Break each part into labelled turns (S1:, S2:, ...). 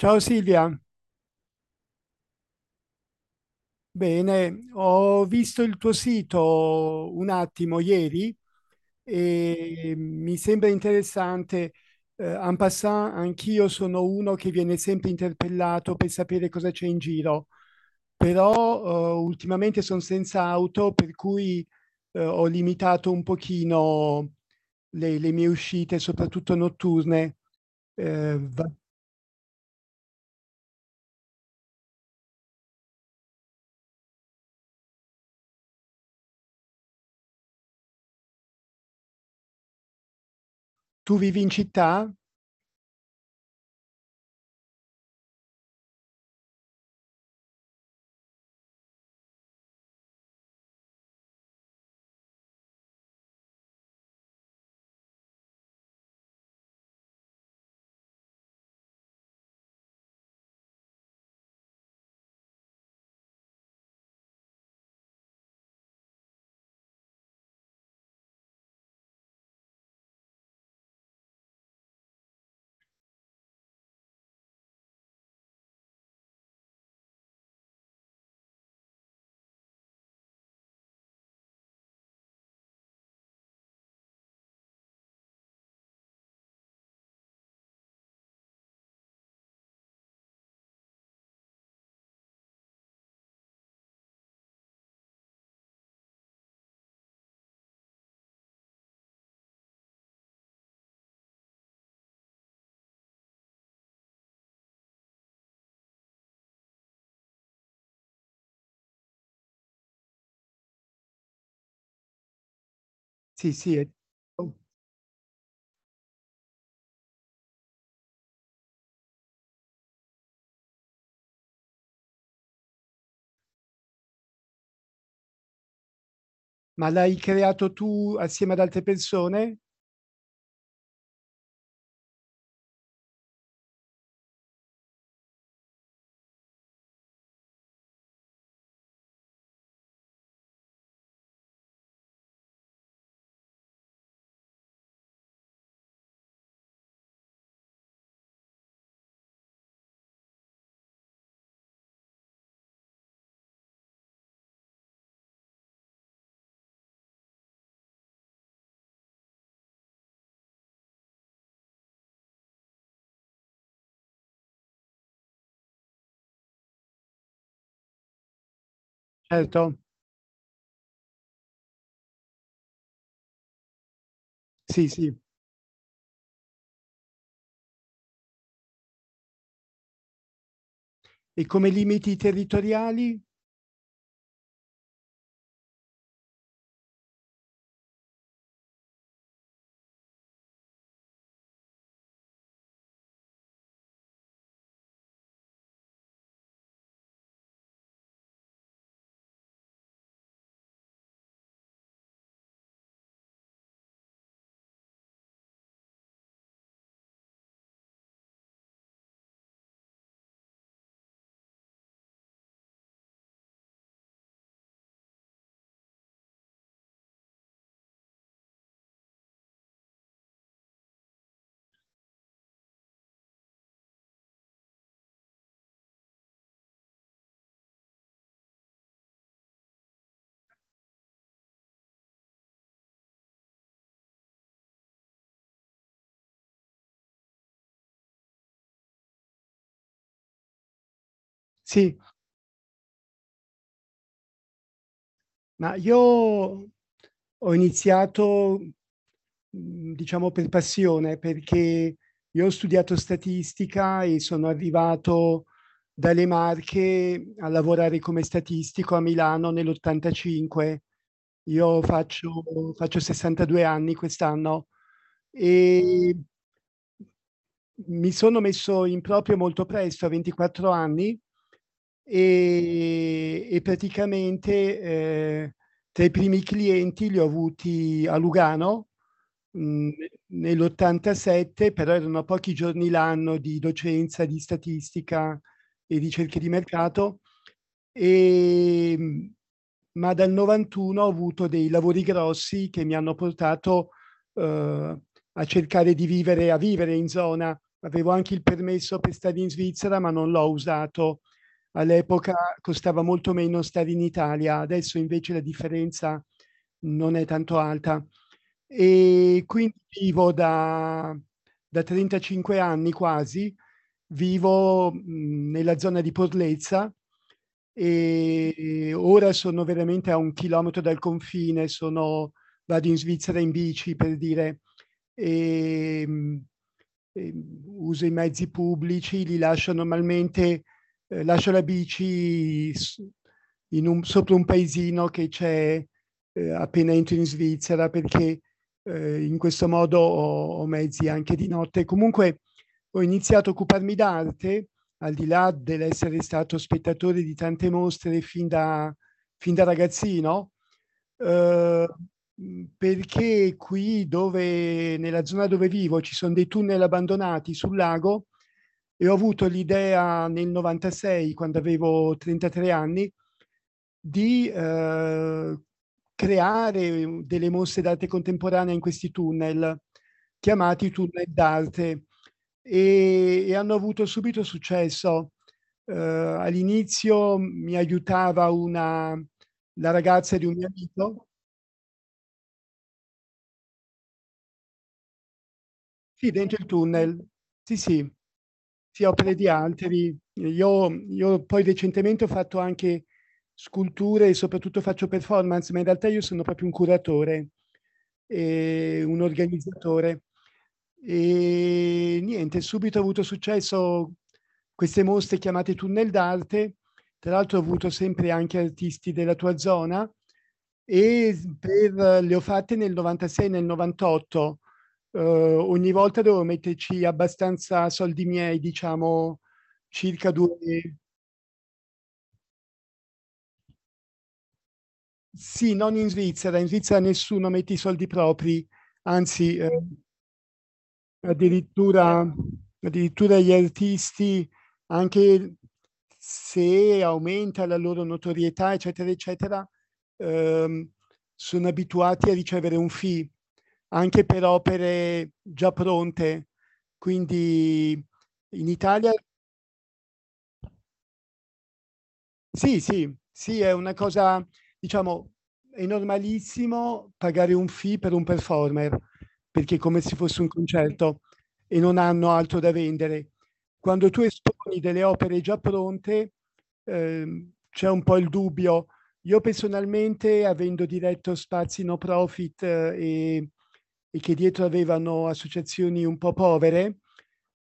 S1: Ciao Silvia. Bene, ho visto il tuo sito un attimo ieri e mi sembra interessante. En passant, anch'io sono uno che viene sempre interpellato per sapere cosa c'è in giro, però ultimamente sono senza auto, per cui ho limitato un pochino le mie uscite, soprattutto notturne. Eh, va- Tu vivi in città? Sì, sì. Ma l'hai creato tu assieme ad altre persone? Certo, sì, sì. E come limiti territoriali? Sì, ma io ho iniziato, diciamo per passione, perché io ho studiato statistica e sono arrivato dalle Marche a lavorare come statistico a Milano nell'85. Io faccio 62 anni quest'anno. E mi sono messo in proprio molto presto, a 24 anni, e praticamente, tra i primi clienti li ho avuti a Lugano, mhmm, nell'87, però erano a pochi giorni l'anno di docenza di statistica e ricerche di mercato, ehm, ma dal 91 ho avuto dei lavori grossi che mi hanno portato, uhm, a cercare di vivere in zona. Avevo anche il permesso per stare in Svizzera, ma non l'ho usato. All'epoca costava molto meno stare in Italia, adesso invece la differenza non è tanto alta. E quindi vivo da 35 anni quasi, vivo, nella zona di Porlezza. Ora sono veramente a 1 chilometro dal confine, sono vado in Svizzera in bici per dire. ehm, Uso i mezzi pubblici, li lascio normalmente, lascio la bici sopra un paesino che c'è, appena entro in Svizzera, perché in questo modo ho mezzi anche di notte. Comunque ho iniziato a occuparmi d'arte, al di là dell'essere stato spettatore di tante mostre fin da ragazzino, eh, perché nella zona dove vivo ci sono dei tunnel abbandonati sul lago e ho avuto l'idea nel 96, quando avevo 33 anni, di creare delle mostre d'arte contemporanea in questi tunnel, chiamati tunnel d'arte, e hanno avuto subito successo. All'inizio mi aiutava la ragazza di un mio amico. Sì, dentro il tunnel. Sì, sì. Sì, opere di altri. Io poi recentemente ho fatto anche sculture e soprattutto faccio performance, ma in realtà io sono proprio un curatore e un organizzatore. Niente, subito ho avuto successo queste mostre chiamate Tunnel d'arte, tra l'altro ho avuto sempre anche artisti della tua zona e s per le ho fatte nel '96 e nel '98, ogni volta devo metterci abbastanza soldi miei, diciamo circa due... Sì, non in Svizzera, in Svizzera nessuno mette i soldi propri, anzi addirittura, addirittura gli artisti, anche se aumenta la loro notorietà, eccetera, eccetera, ehm, sono abituati a ricevere un fee anche per opere già pronte. Quindi in Italia. Sì, sì, sì, è una cosa, diciamo. È normalissimo pagare un fee per un performer, perché è come se fosse un concerto e non hanno altro da vendere. Quando tu esponi delle opere già pronte, c'è un po' il dubbio. Io personalmente, avendo diretto spazi no profit, e e che dietro avevano associazioni un po' povere,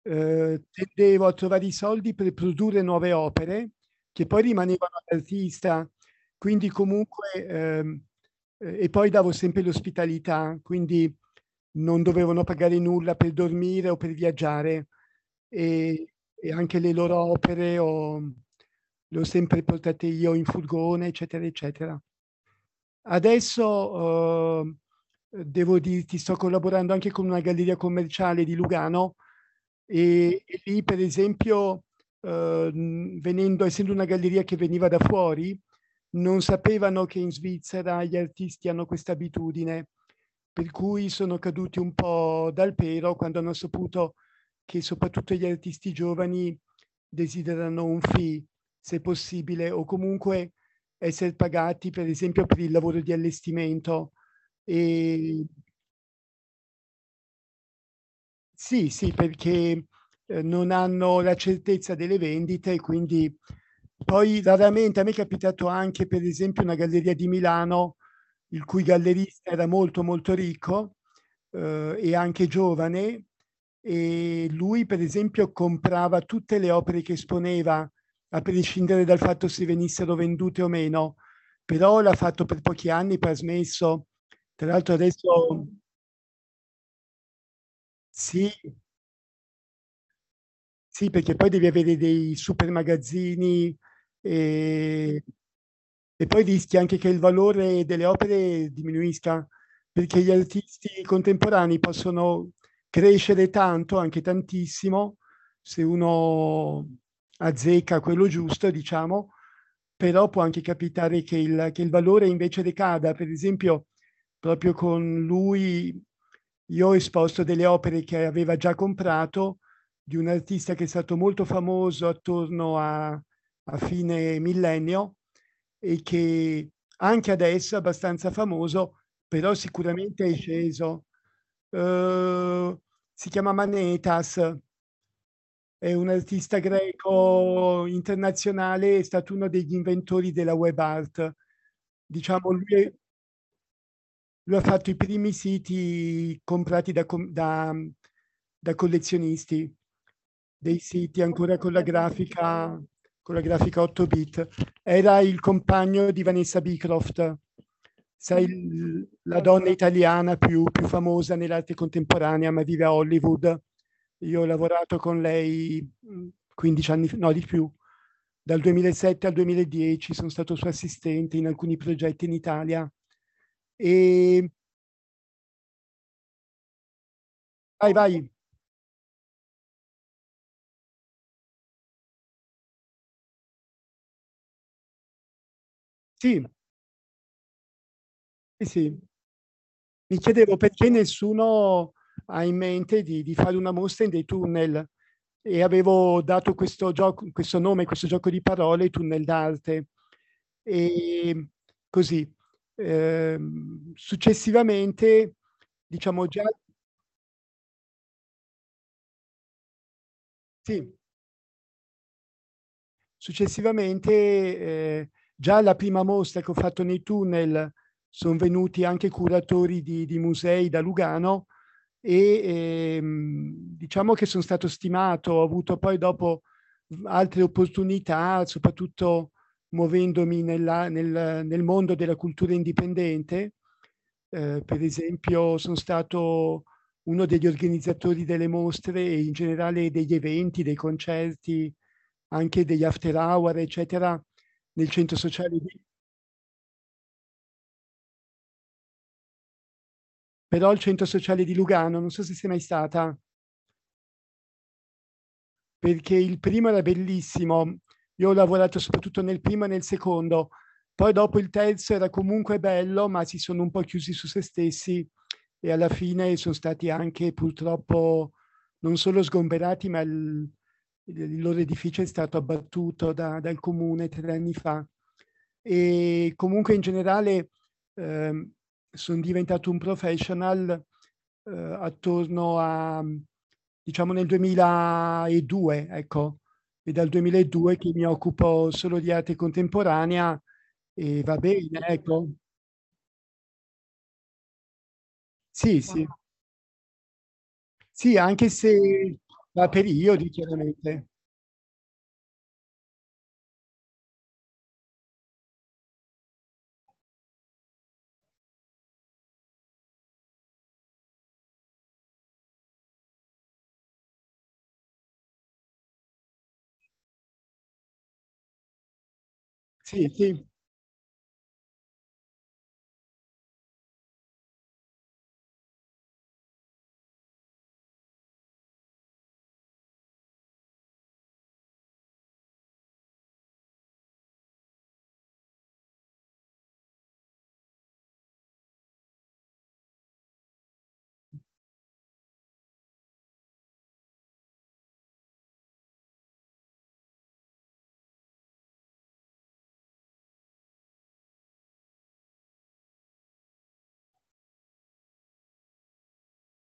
S1: tendevo a trovare i soldi per produrre nuove opere che poi rimanevano all'artista, quindi comunque, e poi davo sempre l'ospitalità, quindi non dovevano pagare nulla per dormire o per viaggiare e anche le loro opere, le ho sempre portate io in furgone, eccetera, eccetera. Adesso devo dirti, sto collaborando anche con una galleria commerciale di Lugano e lì per esempio, venendo essendo una galleria che veniva da fuori, non sapevano che in Svizzera gli artisti hanno questa abitudine, per cui sono caduti un po' dal pero quando hanno saputo che soprattutto gli artisti giovani desiderano un fee, se possibile, o comunque essere pagati per esempio per il lavoro di allestimento. e Sì, sì, perché, non hanno la certezza delle vendite e quindi poi raramente a me è capitato anche, per esempio, una galleria di Milano, il cui gallerista era molto, molto ricco, e anche giovane, e lui, per esempio, comprava tutte le opere che esponeva, a prescindere dal fatto se venissero vendute o meno, però l'ha fatto per pochi anni, poi ha smesso. Tra l'altro adesso. Sì. Sì, perché poi devi avere dei super magazzini, ehm, e poi rischi anche che il valore delle opere diminuisca, perché gli artisti contemporanei possono crescere tanto, anche tantissimo, se uno azzecca quello giusto, diciamo, però può anche capitare che il valore invece decada. Per esempio, proprio con lui io ho esposto delle opere che aveva già comprato di un artista che è stato molto famoso attorno a fine millennio e che anche adesso è abbastanza famoso, però sicuramente è sceso. Eh, si chiama Manetas, è un artista greco internazionale, è stato uno degli inventori della web art. Diciamo, lui ha fatto i primi siti comprati da collezionisti, dei siti ancora con la grafica 8 bit. Era il compagno di Vanessa Beecroft, sai, la donna italiana più famosa nell'arte contemporanea, ma vive a Hollywood. Io ho lavorato con lei 15 anni, no di più, dal 2007 al 2010 sono stato suo assistente in alcuni progetti in Italia. E vai, vai, sì, sì, sì. Mi chiedevo perché nessuno ha in mente di fare una mostra in dei tunnel e avevo dato questo nome, questo gioco di parole, tunnel d'arte. E così, eh, successivamente, diciamo già, sì. Successivamente, già alla prima mostra che ho fatto nei tunnel, sono venuti anche curatori di musei da Lugano e diciamo che sono stato stimato, ho avuto poi dopo altre opportunità, soprattutto muovendomi nel mondo della cultura indipendente. Per esempio sono stato uno degli organizzatori delle mostre e in generale degli eventi, dei concerti, anche degli after hour, eccetera, nel centro sociale di. Però il centro sociale di Lugano, non so se sei mai stata. Perché il primo era bellissimo. Io ho lavorato soprattutto nel primo e nel secondo. Poi dopo il terzo era comunque bello, ma si sono un po' chiusi su se stessi e alla fine sono stati anche purtroppo non solo sgomberati, ma il loro edificio è stato abbattuto dal comune 3 anni fa. E comunque in generale, eh, sono diventato un professional, eh, attorno a, diciamo, nel 2002, ecco, e dal 2002 che mi occupo solo di arte contemporanea, e va bene, ecco. Sì, sì. Sì, anche se da periodi chiaramente. Sì, sì,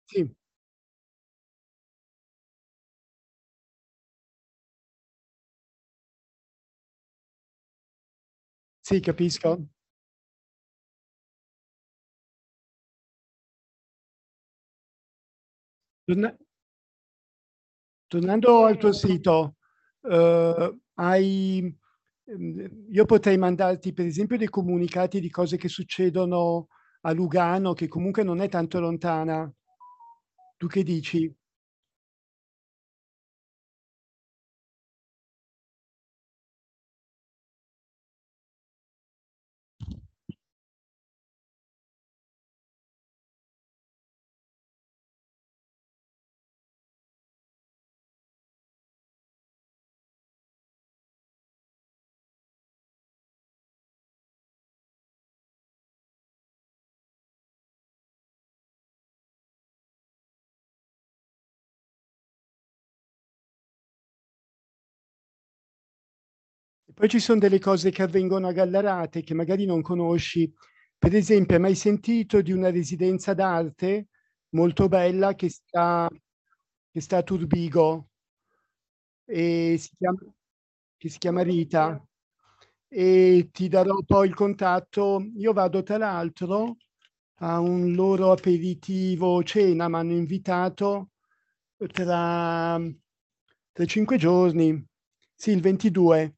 S1: sì, sì, capisco. Torna Tornando al tuo sito, uhm, hai io potrei mandarti per esempio dei comunicati di cose che succedono a Lugano, che comunque non è tanto lontana. Tu che dici? E poi ci sono delle cose che avvengono a Gallarate che magari non conosci. Per esempio, hai mai sentito di una residenza d'arte molto bella che sta a Turbigo e che si chiama Rita? E ti darò poi il contatto. Io vado tra l'altro a un loro aperitivo cena, mi hanno invitato tra, tra 5 giorni, sì, il 22.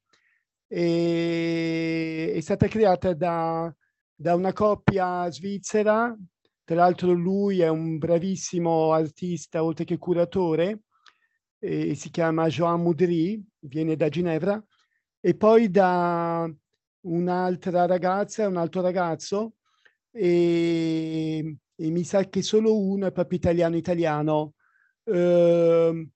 S1: E, è stata creata da una coppia svizzera, tra l'altro lui è un bravissimo artista, oltre che curatore. Si chiama Joan Moudry, viene da Ginevra, e poi da un'altra ragazza e un altro ragazzo, e mi sa che solo uno è proprio italiano italiano. Ehm,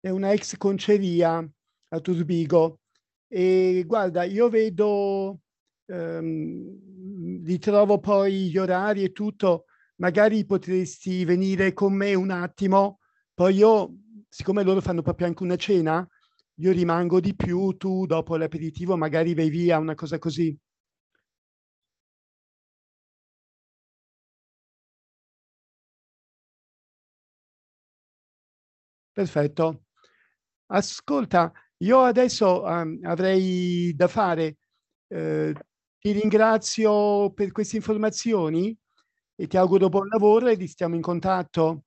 S1: è una ex conceria a Turbigo e guarda, ritrovo poi gli orari e tutto, magari potresti venire con me un attimo, poi io, siccome loro fanno proprio anche una cena, io rimango di più, tu dopo l'aperitivo magari vai via, una cosa così. Perfetto. Ascolta, io adesso avrei da fare, eh, ti ringrazio per queste informazioni e ti auguro buon lavoro e stiamo in contatto.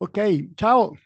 S1: Ok, ciao.